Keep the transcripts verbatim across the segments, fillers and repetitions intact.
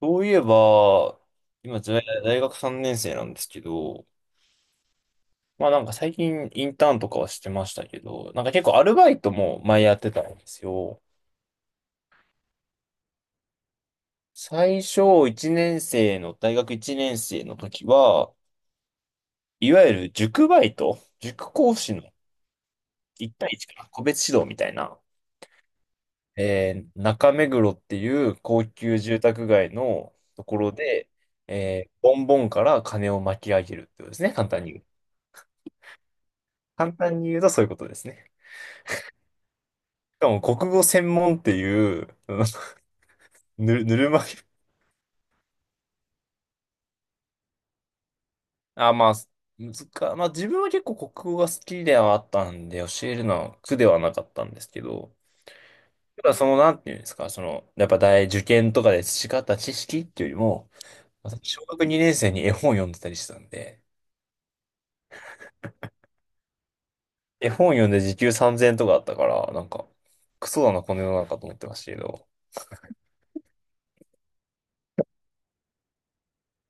そういえば、今、うん大学さんねん生なんですけど、まあなんか最近インターンとかはしてましたけど、なんか結構アルバイトも前やってたんですよ。最初いちねん生の、大学いちねん生の時は、いわゆる塾バイト、塾講師のいち対いちかな、個別指導みたいな、えー中目黒っていう高級住宅街のところで、えーボンボンから金を巻き上げるってことですね、簡単に言う。簡単に言うとそういうことですね。しかも国語専門っていう、うんぬる、ぬるま湯。あ、まあ、難か、まあ自分は結構国語が好きではあったんで、教えるのは苦ではなかったんですけど、ただその、なんていうんですか、その、やっぱ大受験とかで培った知識っていうよりも、私、小学にねん生に絵本読んでたりしてたんで、絵本読んで時給さんぜんえんとかあったから、なんか、クソだな、この世の中と思ってましたけど、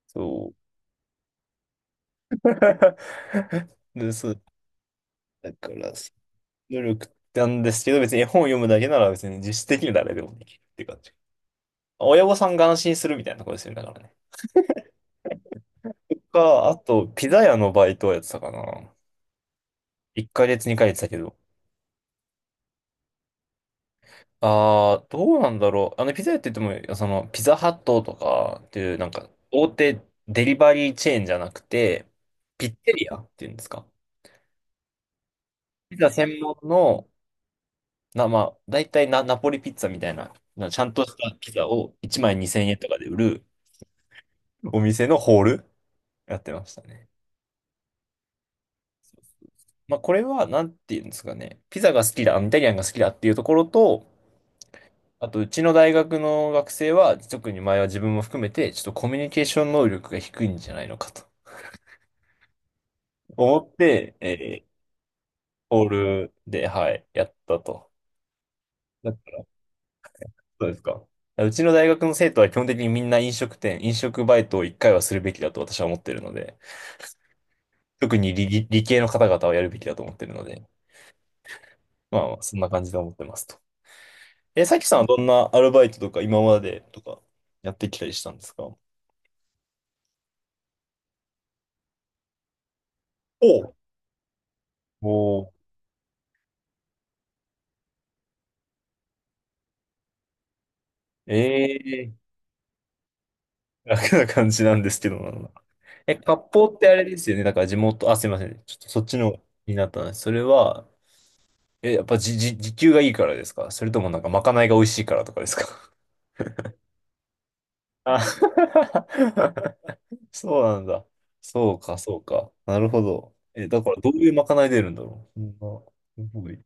そう。で、そう、だから、努力なんですけど、別に絵本を読むだけなら別に実質的に誰でもできるっていう感じ。親御さんが安心するみたいなとこですよね、だからね。か、あと、ピザ屋のバイトをやってたかな。いっかげつ、にかげつだけど。ああどうなんだろう。あの、ピザ屋って言っても、その、ピザハットとかっていう、なんか、大手デリバリーチェーンじゃなくて、ピッツェリアっていうんですか。ピザ専門の、な、まあ、大体ナ、ナポリピッツァみたいな、なちゃんとしたピザをいちまいにせんえんとかで売るお店のホール。やってましたね。まあ、これは、なんていうんですかね。ピザが好きだ、イタリアンが好きだっていうところと、あと、うちの大学の学生は、特に前は自分も含めて、ちょっとコミュニケーション能力が低いんじゃないのかと思って、えーオールで、はい、やったと。だから、そうですか。うちの大学の生徒は基本的にみんな飲食店、飲食バイトを一回はするべきだと私は思ってるので、特に理、理系の方々はやるべきだと思ってるので、まあ、そんな感じで思ってますと。え、さきさんはどんなアルバイトとか今までとかやってきたりしたんですかおう、おーええ楽な感じなんですけどな。え、割烹ってあれですよね。だから地元、あ、すいません。ちょっとそっちのになったんです。それは、え、やっぱじ、じ、時給がいいからですか、それともなんかまかないが美味しいからとかですか。あ、 そうなんだ。そうか、そうか。なるほど。え、だからどういうまかない出るんだろう。そんな、すごい。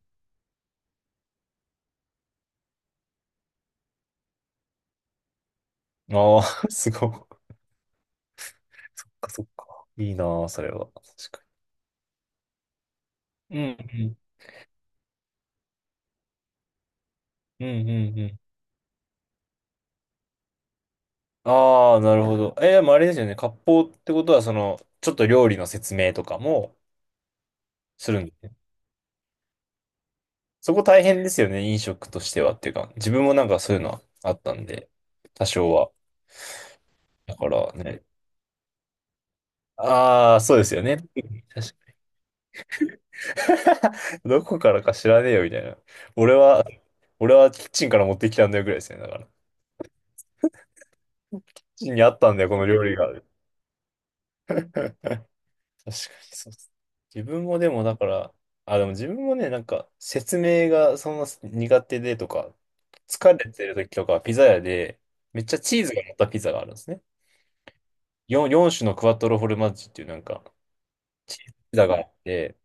ああ、すごい。そっかそっか。いいなぁ、それは。確かうん、うん、うん、うん。うんああ、なるほど。えー、でもあれですよね。割烹ってことは、その、ちょっと料理の説明とかもするんですね。そこ大変ですよね、飲食としてはっていうか。自分もなんかそういうのはあったんで、多少は。だからね。ああ、そうですよね。確かに どこからか知らねえよ、みたいな。俺は、俺はキッチンから持ってきたんだよ、ぐらいですよね。だから。キッチンにあったんだよ、この料理が。確かにそうっす。自分もでもだから、あ、でも自分もね、なんか説明がそんな苦手でとか、疲れてる時とかはピザ屋で、めっちゃチーズが乗ったピザがあるんですね。よん、よん種のクワトロフォルマッジっていうなんか、チーズピザがあって、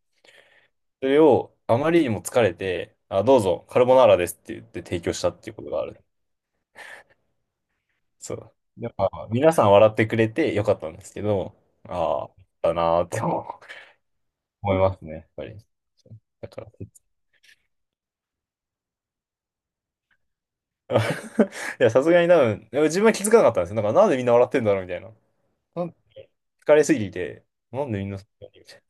それをあまりにも疲れて、あ、どうぞ、カルボナーラですって言って提供したっていうことがある。そう。やっぱ皆さん笑ってくれてよかったんですけど、ああ、だなーって思う思いますね、やっぱり。だから。あ いや、さすがに多分、でも自分は気づかなかったんですよ。なんか、なんでみんな笑ってんだろうみたいな。なん疲れすぎて、なんでみんなそんなにみたい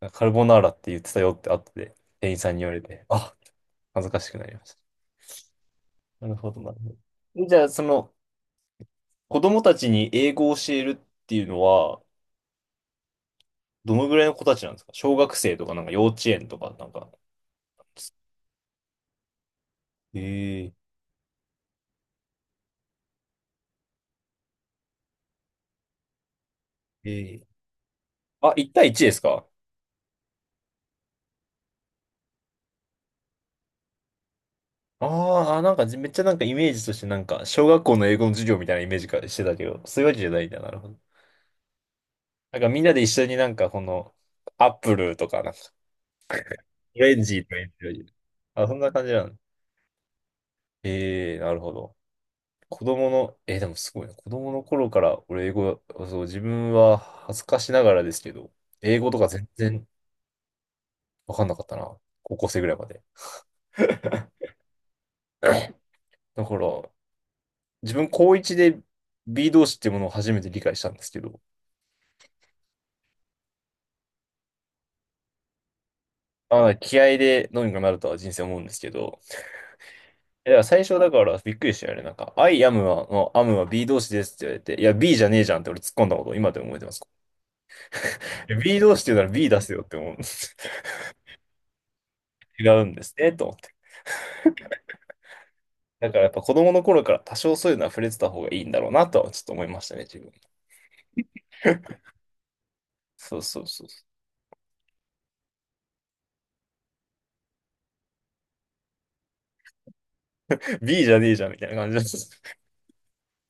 な。カルボナーラって言ってたよって後で、店員さんに言われて、あ、恥ずかしくなりました。なるほど、なるほど。えじゃあ、その、子供たちに英語を教えるっていうのは、どのぐらいの子たちなんですか、小学生とか、なんか幼稚園とか、なんか。ええええあ、いち対いちですか。あーあー、なんかじめっちゃなんかイメージとしてなんか小学校の英語の授業みたいなイメージかしてたけど、そういうわけじゃないんだ。なるほど。なんかみんなで一緒になんかこのアップルとかなんかオレンジとか言ってる。あ、そんな感じなの。ええなるほど。子供の、えー、でもすごいな。子供の頃から俺英語、そう、自分は恥ずかしながらですけど、英語とか全然わかんなかったな。高校生ぐらいまで。だから、自分高いちで B 動詞っていうものを初めて理解したんですけど、ああ、気合でどうにかなるとは人生思うんですけど。いや、最初だからびっくりしたよね。なんか、I am は、の am は B 動詞ですって言われて、いや、B じゃねえじゃんって俺突っ込んだことを今でも覚えてます。いや B 動詞って言うなら B 出せよって思う。違うんですね、と思って。だからやっぱ子供の頃から多少そういうのは触れてた方がいいんだろうなとはちょっと思いましたね、自分。そうそうそう。B じゃねえじゃんみたいな感じだった。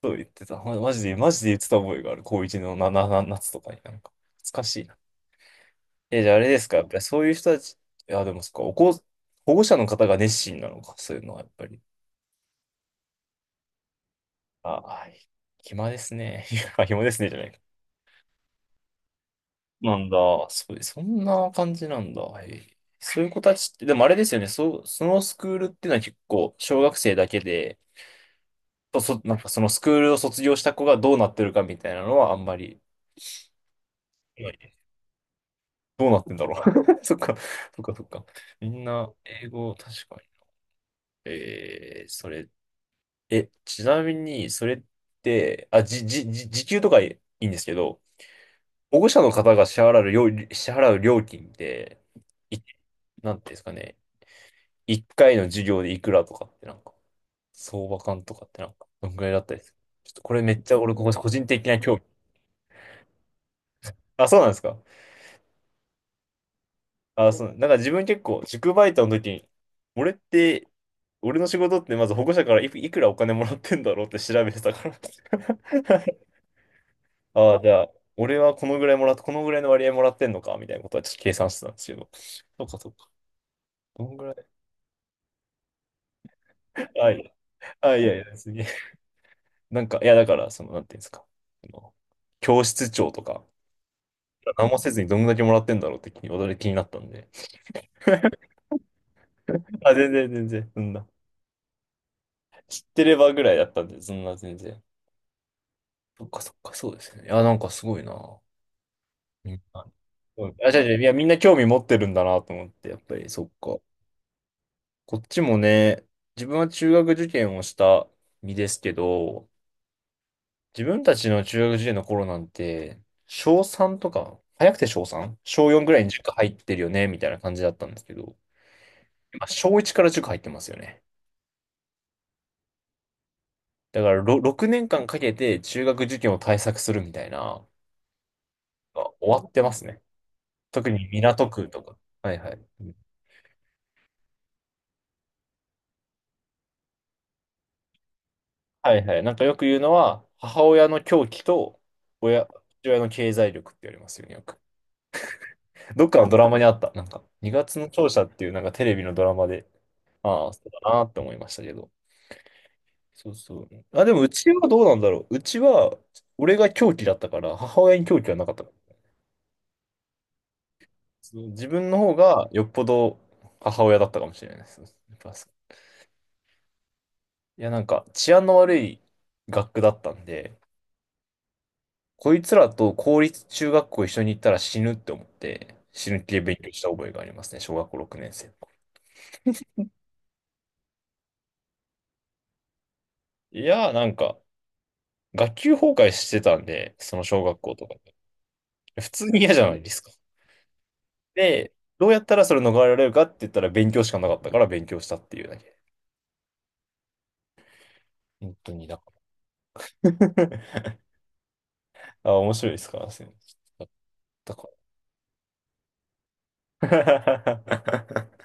そう言ってた。まマジで、マジで言ってた覚えがある。高一のな、な、な、夏とかになんか。懐かしい。え、じゃああれですか、やっぱりそういう人たち、いや、でもそっか、おこ、保護者の方が熱心なのか、そういうのはやっぱり。あ、はい。暇ですね。いや暇ですね、じゃない。なんだ、そう、そんな感じなんだ。へえそういう子たちって、でもあれですよね、そ、そのスクールっていうのは結構、小学生だけで、そ、そなんかそのスクールを卒業した子がどうなってるかみたいなのはあんまり、はい、どうなってんだろう。そっか、そっか、そっか。みんな、英語、確かに。えー、それ、え、ちなみに、それって、あ、じ、じ、じ、時給とかいいんですけど、保護者の方が支払う料、支払う料金って、い、なんていうんですかね、一回の授業でいくらとかってなんか、相場感とかってなんか、どんぐらいだったりする。ちょっとこれめっちゃ俺、ここ個人的な興味。あ、そうなんですか。あ、そう、なんか自分結構、塾バイトの時に、俺って、俺の仕事ってまず保護者からいく、いくらお金もらってんだろうって調べてたから。ああ、じゃあ、俺はこのぐらいもらっ、このぐらいの割合もらってんのか、みたいなことはちょっと計算してたんですけど。そうか、そうか。どんぐらい、あ、いや、あ、いやいや、すげえ。なんか、いや、だから、その、なんていうんですか。あの教室長とか、何もせずにどんだけもらってんだろうって気に、驚き気になったんで。あ、全然、全然、そんな。知ってればぐらいだったんで、そんな、全然。そっか、そっか、そうですね。いや、なんかすごいな。みんな。うんあ、じゃじゃいや、みんな興味持ってるんだなと思って、やっぱり、そっか。こっちもね、自分は中学受験をした身ですけど、自分たちの中学受験の頃なんて、小さんとか、早くて小 さん? 小よんぐらいに塾入ってるよね、みたいな感じだったんですけど、今小いちから塾入ってますよね。だからろろくねんかんかんかけて中学受験を対策するみたいな、あ終わってますね。特に港区とか。はいはい。うんはいはい。なんかよく言うのは、母親の狂気と親、父親の経済力って言われますよね。どっかのドラマにあった。なんか、にがつの勝者っていうなんかテレビのドラマで、ああ、そうだなって思いましたけど。そうそう。あ、でもうちはどうなんだろう。うちは、俺が狂気だったから、母親に狂気はなかったから。そう自分の方がよっぽど母親だったかもしれないです。やっぱそういや、なんか治安の悪い学区だったんで、こいつらと公立中学校一緒に行ったら死ぬって思って、死ぬ気で勉強した覚えがありますね、小学校ろくねん生の頃。いや、なんか、学級崩壊してたんで、その小学校とかで。普通に嫌じゃないですか。で、どうやったらそれ逃れられるかって言ったら勉強しかなかったから勉強したっていうだけ。本当にだから。あ、面白いですから、だから。